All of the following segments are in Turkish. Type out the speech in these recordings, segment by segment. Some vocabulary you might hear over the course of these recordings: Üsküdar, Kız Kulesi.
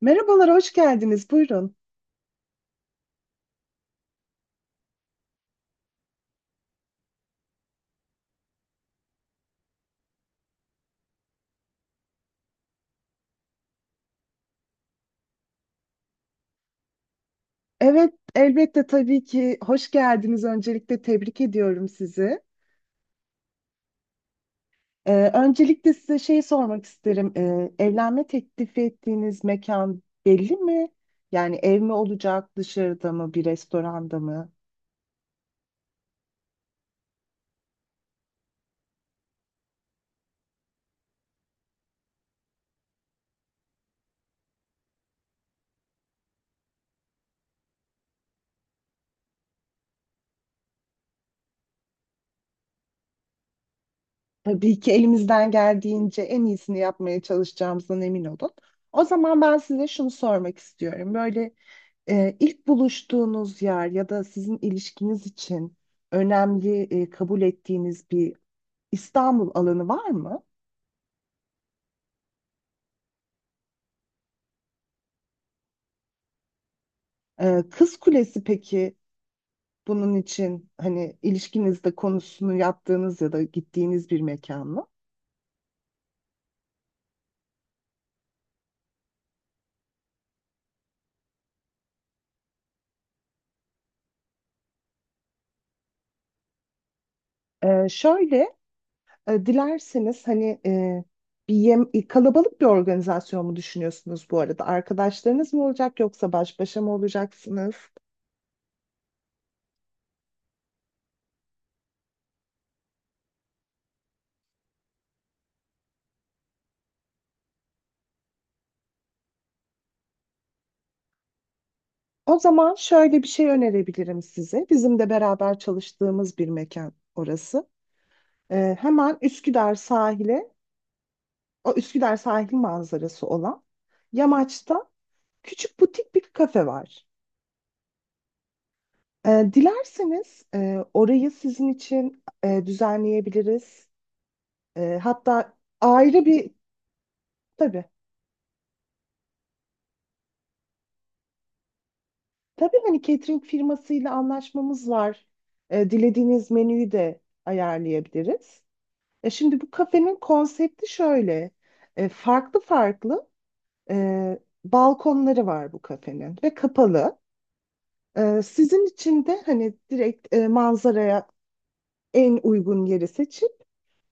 Merhabalar, hoş geldiniz. Buyurun. Evet, elbette tabii ki hoş geldiniz. Öncelikle tebrik ediyorum sizi. Öncelikle size şey sormak isterim. Evlenme teklifi ettiğiniz mekan belli mi? Yani ev mi olacak, dışarıda mı, bir restoranda mı? Tabii ki elimizden geldiğince en iyisini yapmaya çalışacağımızdan emin olun. O zaman ben size şunu sormak istiyorum. Böyle, ilk buluştuğunuz yer ya da sizin ilişkiniz için önemli, kabul ettiğiniz bir İstanbul alanı var mı? Kız Kulesi peki, bunun için hani ilişkinizde konusunu yaptığınız ya da gittiğiniz bir mekan mı? Ee, şöyle Dilerseniz hani, kalabalık bir organizasyon mu düşünüyorsunuz bu arada? Arkadaşlarınız mı olacak yoksa baş başa mı olacaksınız? O zaman şöyle bir şey önerebilirim size. Bizim de beraber çalıştığımız bir mekan orası. Hemen Üsküdar sahile, o Üsküdar sahil manzarası olan yamaçta küçük butik bir kafe var. Dilerseniz orayı sizin için düzenleyebiliriz. E, hatta ayrı bir Tabii. Tabii hani, catering firmasıyla anlaşmamız var. Dilediğiniz menüyü de ayarlayabiliriz. Şimdi bu kafenin konsepti şöyle. Farklı farklı e, balkonları var bu kafenin ve kapalı. Sizin için de hani direkt, manzaraya en uygun yeri seçip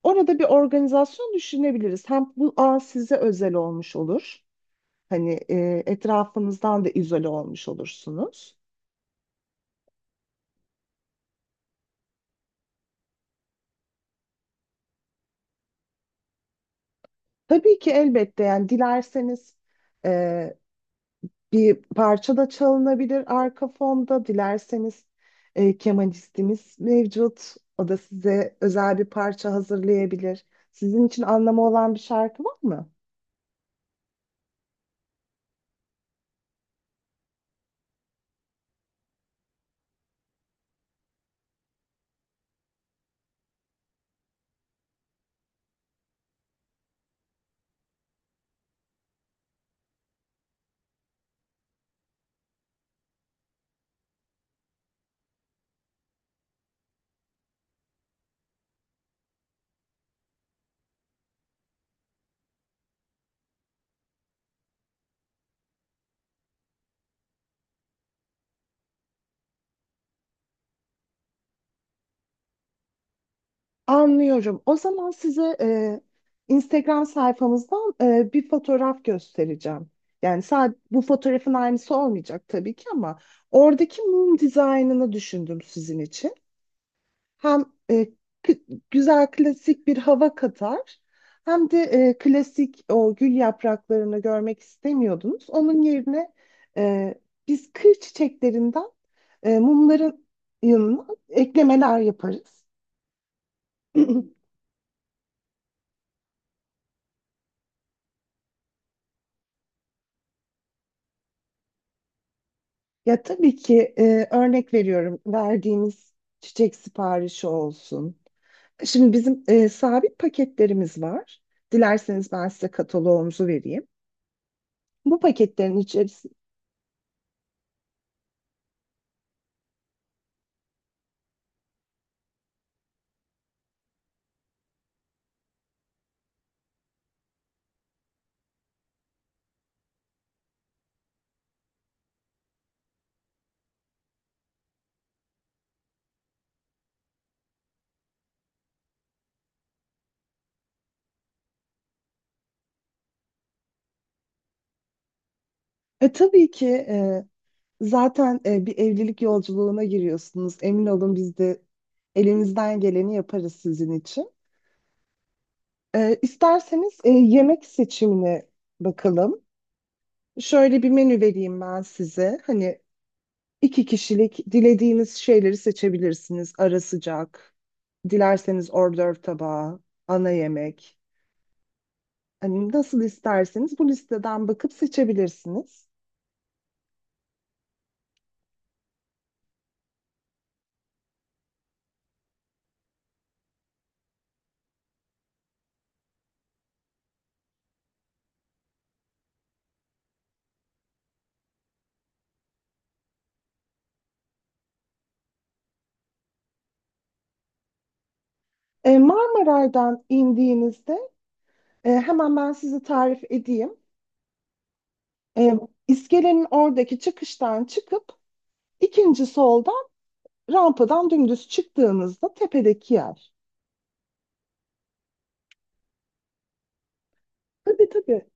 orada bir organizasyon düşünebiliriz. Hem bu an size özel olmuş olur. Hani, etrafınızdan da izole olmuş olursunuz. Tabii ki, elbette. Yani dilerseniz e, bir parça da çalınabilir arka fonda, dilerseniz kemanistimiz mevcut. O da size özel bir parça hazırlayabilir. Sizin için anlamı olan bir şarkı var mı? Anlıyorum. O zaman size Instagram sayfamızdan bir fotoğraf göstereceğim. Yani sadece bu fotoğrafın aynısı olmayacak tabii ki, ama oradaki mum dizaynını düşündüm sizin için. Hem e, k- güzel klasik bir hava katar, hem de klasik o gül yapraklarını görmek istemiyordunuz. Onun yerine e, biz kır çiçeklerinden mumların yanına eklemeler yaparız. Ya tabii ki, örnek veriyorum, verdiğimiz çiçek siparişi olsun. Şimdi bizim sabit paketlerimiz var. Dilerseniz ben size kataloğumuzu vereyim. Bu paketlerin içerisinde, tabii ki, zaten bir evlilik yolculuğuna giriyorsunuz. Emin olun, biz de elimizden geleni yaparız sizin için. İsterseniz yemek seçimine bakalım. Şöyle bir menü vereyim ben size. Hani iki kişilik dilediğiniz şeyleri seçebilirsiniz. Ara sıcak, dilerseniz hors d'oeuvre tabağı, ana yemek. Hani nasıl isterseniz bu listeden bakıp seçebilirsiniz. Marmaray'dan indiğinizde, hemen ben size tarif edeyim. E, iskelenin oradaki çıkıştan çıkıp ikinci soldan rampadan dümdüz çıktığınızda, tepedeki yer. Tabii, tabii.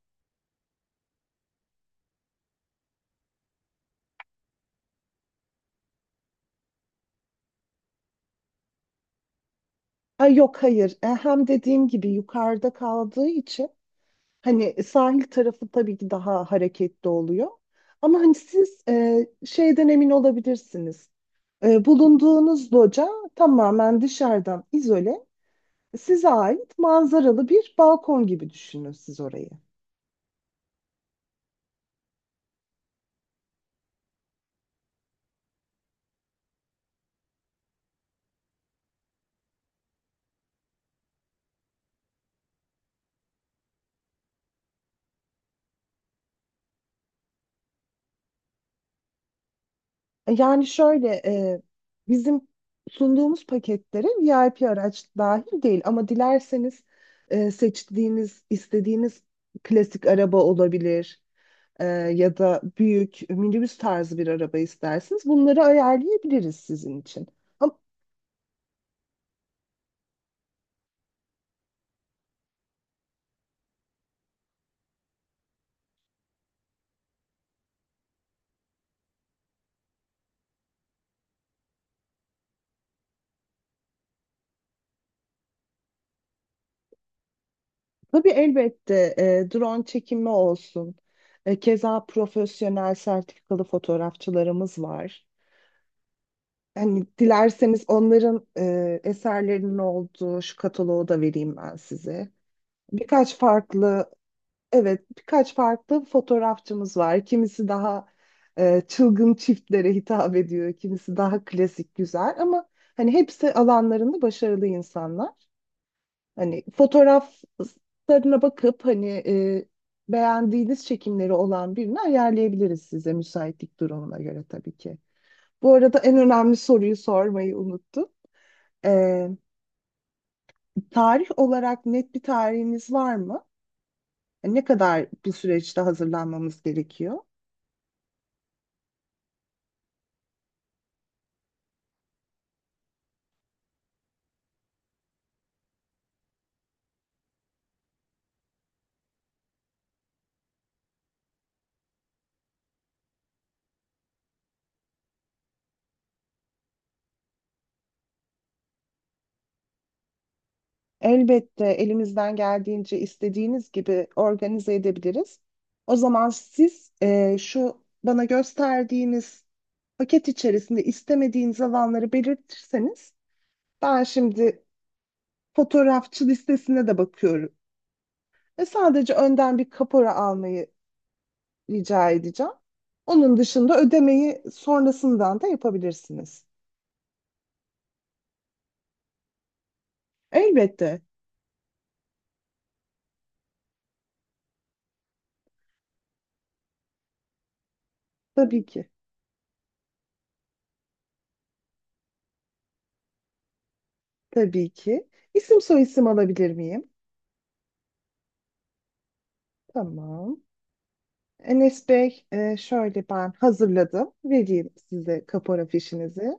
Ay, yok, hayır. Hem dediğim gibi yukarıda kaldığı için, hani sahil tarafı tabii ki daha hareketli oluyor. Ama hani siz şeyden emin olabilirsiniz. Bulunduğunuz loca tamamen dışarıdan izole, size ait manzaralı bir balkon gibi düşünün siz orayı. Yani şöyle, bizim sunduğumuz paketlere VIP araç dahil değil, ama dilerseniz, seçtiğiniz, istediğiniz klasik araba olabilir, e, ya da büyük minibüs tarzı bir araba isterseniz bunları ayarlayabiliriz sizin için. Ama tabii, elbette drone çekimi olsun. Keza profesyonel sertifikalı fotoğrafçılarımız var. Hani dilerseniz onların eserlerinin olduğu şu kataloğu da vereyim ben size. Birkaç farklı, evet, birkaç farklı fotoğrafçımız var. Kimisi daha çılgın çiftlere hitap ediyor, kimisi daha klasik güzel, ama hani hepsi alanlarında başarılı insanlar. Hani fotoğraflarına bakıp hani beğendiğiniz çekimleri olan birini ayarlayabiliriz size, müsaitlik durumuna göre tabii ki. Bu arada en önemli soruyu sormayı unuttum. Ee, tarih olarak net bir tarihiniz var mı? Ne kadar bir süreçte hazırlanmamız gerekiyor? Elbette, elimizden geldiğince istediğiniz gibi organize edebiliriz. O zaman siz şu bana gösterdiğiniz paket içerisinde istemediğiniz alanları belirtirseniz, ben şimdi fotoğrafçı listesine de bakıyorum ve sadece önden bir kapora almayı rica edeceğim. Onun dışında ödemeyi sonrasından da yapabilirsiniz. Elbette. Tabii ki. Tabii ki. İsim soyisim alabilir miyim? Tamam. Enes Bey, şöyle ben hazırladım. Vereyim size kapora fişinizi.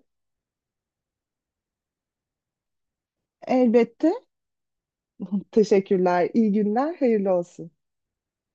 Elbette. Teşekkürler. İyi günler. Hayırlı olsun.